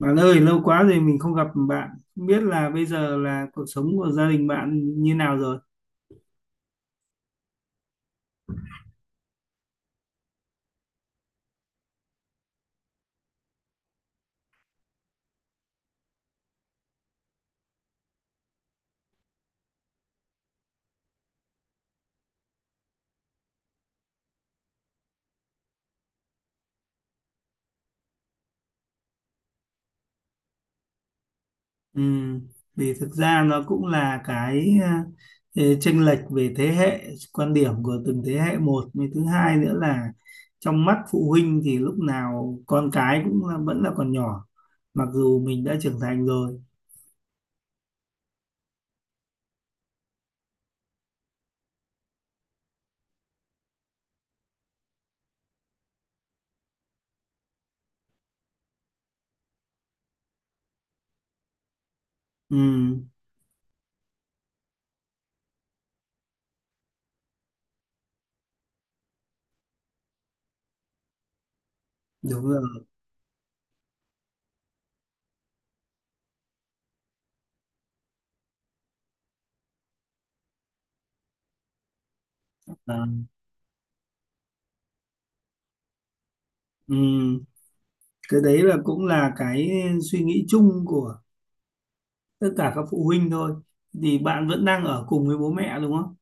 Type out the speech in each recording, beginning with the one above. Bạn ơi, lâu quá rồi mình không gặp bạn. Không biết là bây giờ là cuộc sống của gia đình bạn như nào rồi? Ừ, vì thực ra nó cũng là cái chênh lệch về thế hệ, quan điểm của từng thế hệ một. Với thứ hai nữa là trong mắt phụ huynh thì lúc nào con cái cũng là, vẫn là còn nhỏ. Mặc dù mình đã trưởng thành rồi. Ừ, đúng rồi. À, ừ, cái đấy là cũng là cái suy nghĩ chung của tất cả các phụ huynh thôi thì bạn vẫn đang ở cùng với bố mẹ đúng không?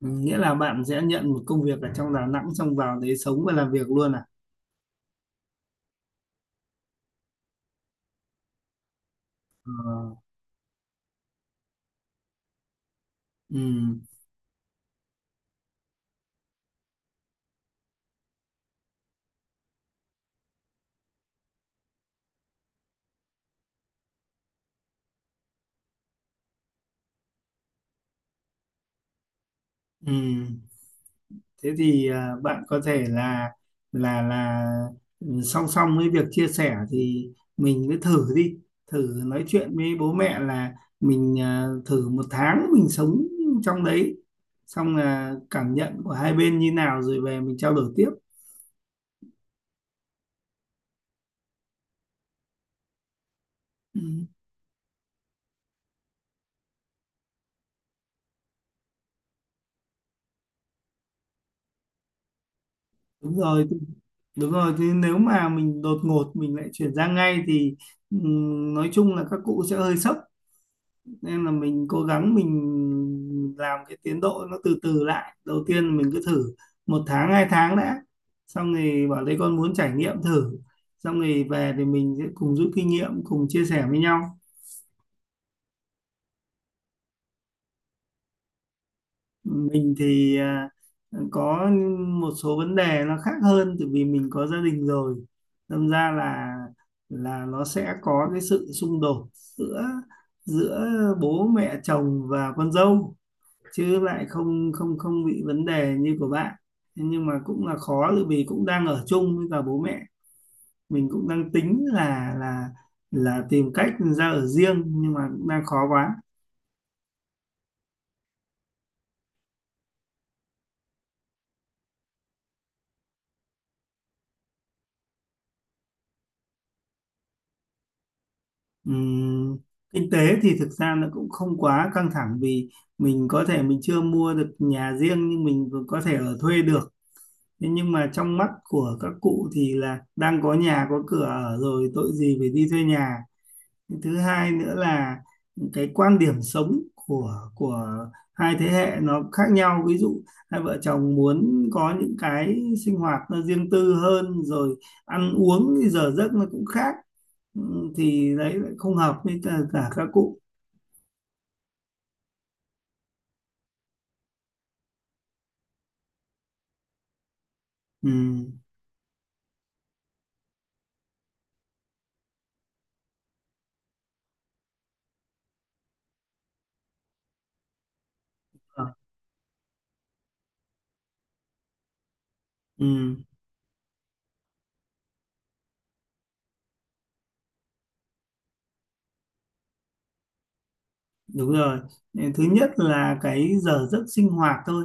Ừ, nghĩa là bạn sẽ nhận một công việc ở trong Đà Nẵng xong vào đấy sống và làm việc luôn à? Ờ, ừ, ừ. Thế thì bạn có thể là là là ừ, song song với việc chia sẻ thì mình cứ thử đi, thử nói chuyện với bố mẹ là mình thử một tháng mình sống trong đấy, xong là cảm nhận của hai bên như nào rồi về mình trao đổi tiếp. Ừ. Đúng rồi thì- đúng rồi thì nếu mà mình đột ngột mình lại chuyển sang ngay thì nói chung là các cụ sẽ hơi sốc, nên là mình cố gắng mình làm cái tiến độ nó từ từ lại, đầu tiên mình cứ thử một tháng hai tháng đã, xong rồi bảo đây con muốn trải nghiệm thử, xong rồi về thì mình sẽ cùng rút kinh nghiệm cùng chia sẻ với nhau. Mình thì có một số vấn đề nó khác hơn, tại vì mình có gia đình rồi, đâm ra là nó sẽ có cái sự xung đột giữa giữa bố mẹ chồng và con dâu, chứ lại không không không bị vấn đề như của bạn. Thế nhưng mà cũng là khó tại vì cũng đang ở chung với cả bố mẹ, mình cũng đang tính là tìm cách ra ở riêng nhưng mà cũng đang khó quá. Ừm, kinh tế thì thực ra nó cũng không quá căng thẳng vì mình có thể mình chưa mua được nhà riêng nhưng mình vẫn có thể ở thuê được. Thế nhưng mà trong mắt của các cụ thì là đang có nhà có cửa ở rồi tội gì phải đi thuê nhà. Thứ hai nữa là cái quan điểm sống của hai thế hệ nó khác nhau, ví dụ hai vợ chồng muốn có những cái sinh hoạt nó riêng tư hơn, rồi ăn uống thì giờ giấc nó cũng khác. Ừ, thì đấy lại không hợp với cả các cụ. Ừ. Ừ. Đúng rồi. Thứ nhất là cái giờ giấc sinh hoạt thôi.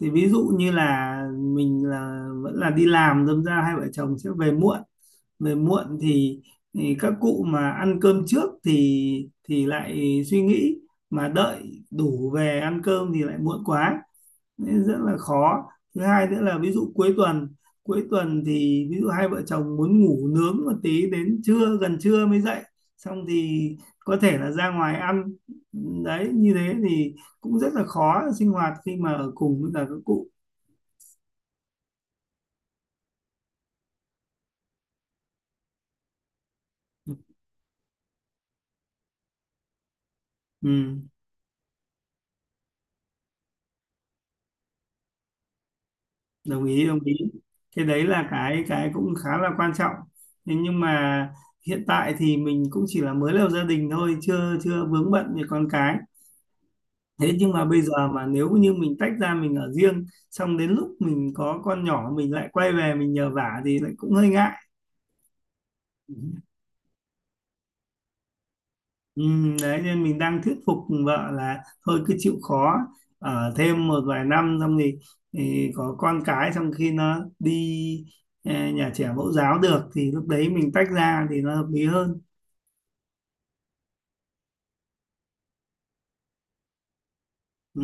Thì ví dụ như là mình là vẫn là đi làm, đâm ra hai vợ chồng sẽ về muộn. Về muộn thì các cụ mà ăn cơm trước thì lại suy nghĩ, mà đợi đủ về ăn cơm thì lại muộn quá, nên rất là khó. Thứ hai nữa là ví dụ cuối tuần, cuối tuần thì ví dụ hai vợ chồng muốn ngủ nướng một tí đến trưa gần trưa mới dậy, xong thì có thể là ra ngoài ăn, đấy như thế thì cũng rất là khó sinh hoạt khi mà ở cùng với cả các cụ. Ừ, đồng ý đồng ý. Cái đấy là cái cũng khá là quan trọng. Thế nhưng mà hiện tại thì mình cũng chỉ là mới lập gia đình thôi, chưa chưa vướng bận về con cái. Thế nhưng mà bây giờ mà nếu như mình tách ra mình ở riêng, xong đến lúc mình có con nhỏ mình lại quay về mình nhờ vả thì lại cũng hơi ngại. Ừ, đấy nên mình đang thuyết phục vợ là thôi cứ chịu khó ở thêm một vài năm xong thì có con cái xong khi nó đi nhà trẻ mẫu giáo được thì lúc đấy mình tách ra thì nó hợp lý hơn. Ừ,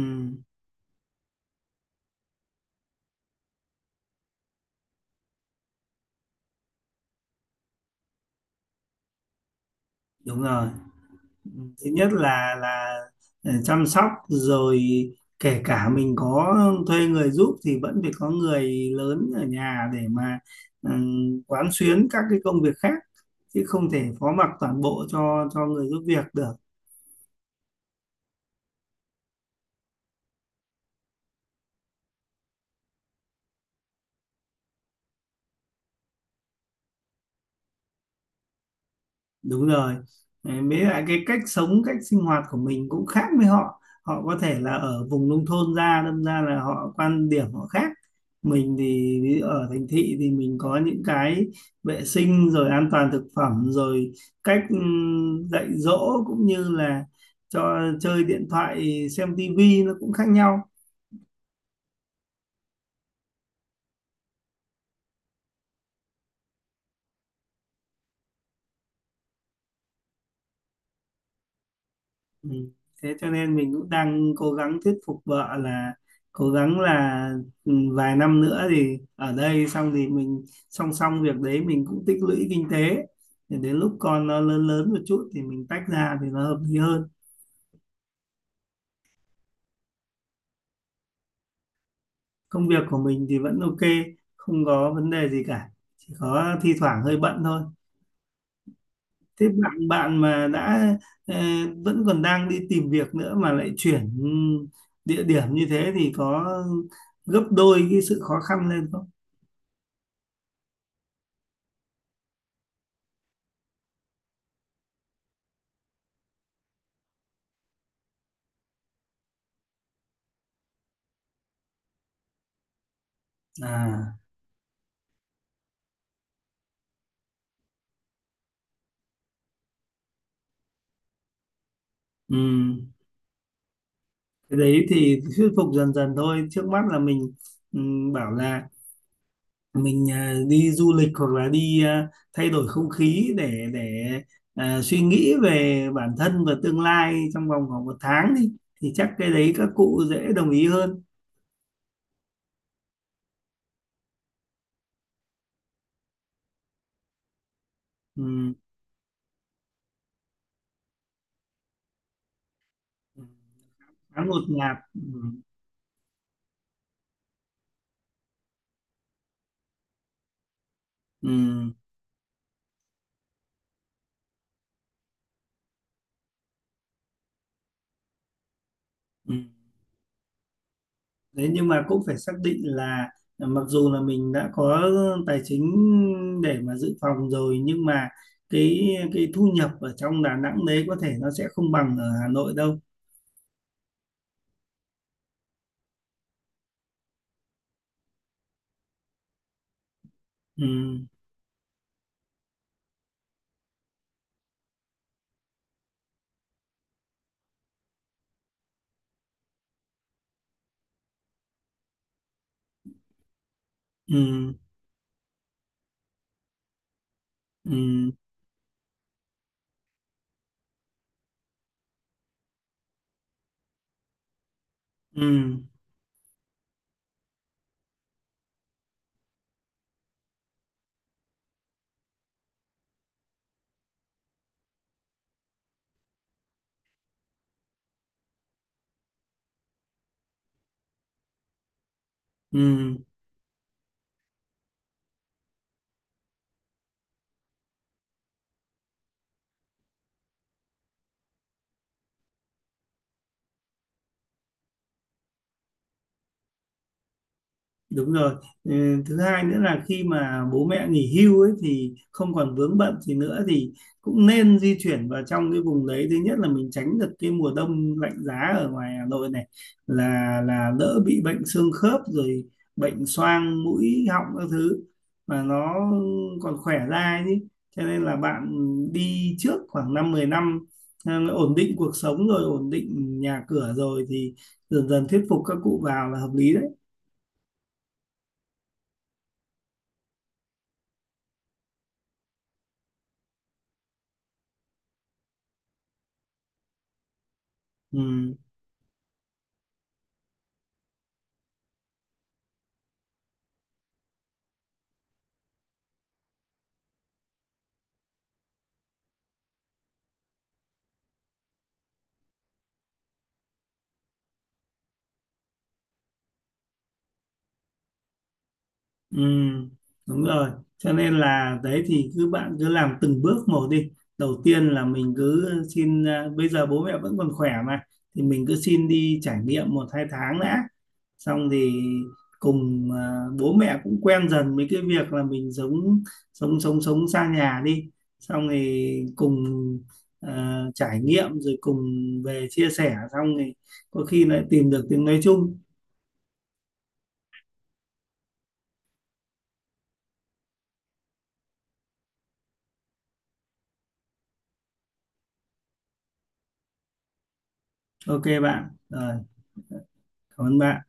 đúng rồi. Thứ nhất là chăm sóc rồi, kể cả mình có thuê người giúp thì vẫn phải có người lớn ở nhà để mà quán xuyến các cái công việc khác, chứ không thể phó mặc toàn bộ cho người giúp việc được. Đúng rồi. Đấy, mới lại cái cách sống cách sinh hoạt của mình cũng khác với họ, họ có thể là ở vùng nông thôn ra đâm ra là họ quan điểm họ khác. Mình thì ví dụ ở thành thị thì mình có những cái vệ sinh rồi an toàn thực phẩm rồi cách dạy dỗ cũng như là cho chơi điện thoại xem tivi nó cũng khác nhau. Ừ. Thế cho nên mình cũng đang cố gắng thuyết phục vợ là cố gắng là ừ, vài năm nữa thì ở đây xong thì mình song song việc đấy mình cũng tích lũy kinh tế để đến lúc con nó lớn lớn một chút thì mình tách ra thì nó hợp lý hơn. Công việc của mình thì vẫn ok, không có vấn đề gì cả, chỉ có thi thoảng hơi bận thôi. Thế bạn bạn mà đã ờ, vẫn còn đang đi tìm việc nữa mà lại chuyển địa điểm như thế thì có gấp đôi cái sự khó khăn lên không? À, ừ. Cái đấy thì thuyết phục dần dần thôi. Trước mắt là mình ừ, bảo là mình đi du lịch hoặc là đi thay đổi không khí để à, suy nghĩ về bản thân và tương lai trong vòng khoảng một tháng đi, thì chắc cái đấy các cụ dễ đồng ý hơn. Ừ. Khá ngột ngạt, ừ. Ừ. Ừ. Đấy nhưng mà cũng phải xác định là mặc dù là mình đã có tài chính để mà dự phòng rồi nhưng mà cái thu nhập ở trong Đà Nẵng đấy có thể nó sẽ không bằng ở Hà Nội đâu. Ừ. Ừ. Ừ. Ừ. Ừ. Đúng rồi. Ừ, thứ hai nữa là khi mà bố mẹ nghỉ hưu ấy thì không còn vướng bận gì nữa thì cũng nên di chuyển vào trong cái vùng đấy. Thứ nhất là mình tránh được cái mùa đông lạnh giá ở ngoài Hà Nội này, là đỡ bị bệnh xương khớp rồi bệnh xoang mũi họng các thứ, mà nó còn khỏe ra ấy chứ. Cho nên là bạn đi trước khoảng 5 10 năm ổn định cuộc sống rồi ổn định nhà cửa rồi thì dần dần thuyết phục các cụ vào là hợp lý đấy. Ừ. Ừ, đúng rồi. Cho nên là đấy thì cứ bạn cứ làm từng bước một đi. Đầu tiên là mình cứ xin à, bây giờ bố mẹ vẫn còn khỏe mà, thì mình cứ xin đi trải nghiệm một hai tháng đã. Xong thì cùng à, bố mẹ cũng quen dần với cái việc là mình sống sống sống sống xa nhà đi. Xong thì cùng à, trải nghiệm rồi cùng về chia sẻ xong thì có khi lại tìm được tiếng nói chung. Ok bạn. Rồi, cảm ơn bạn.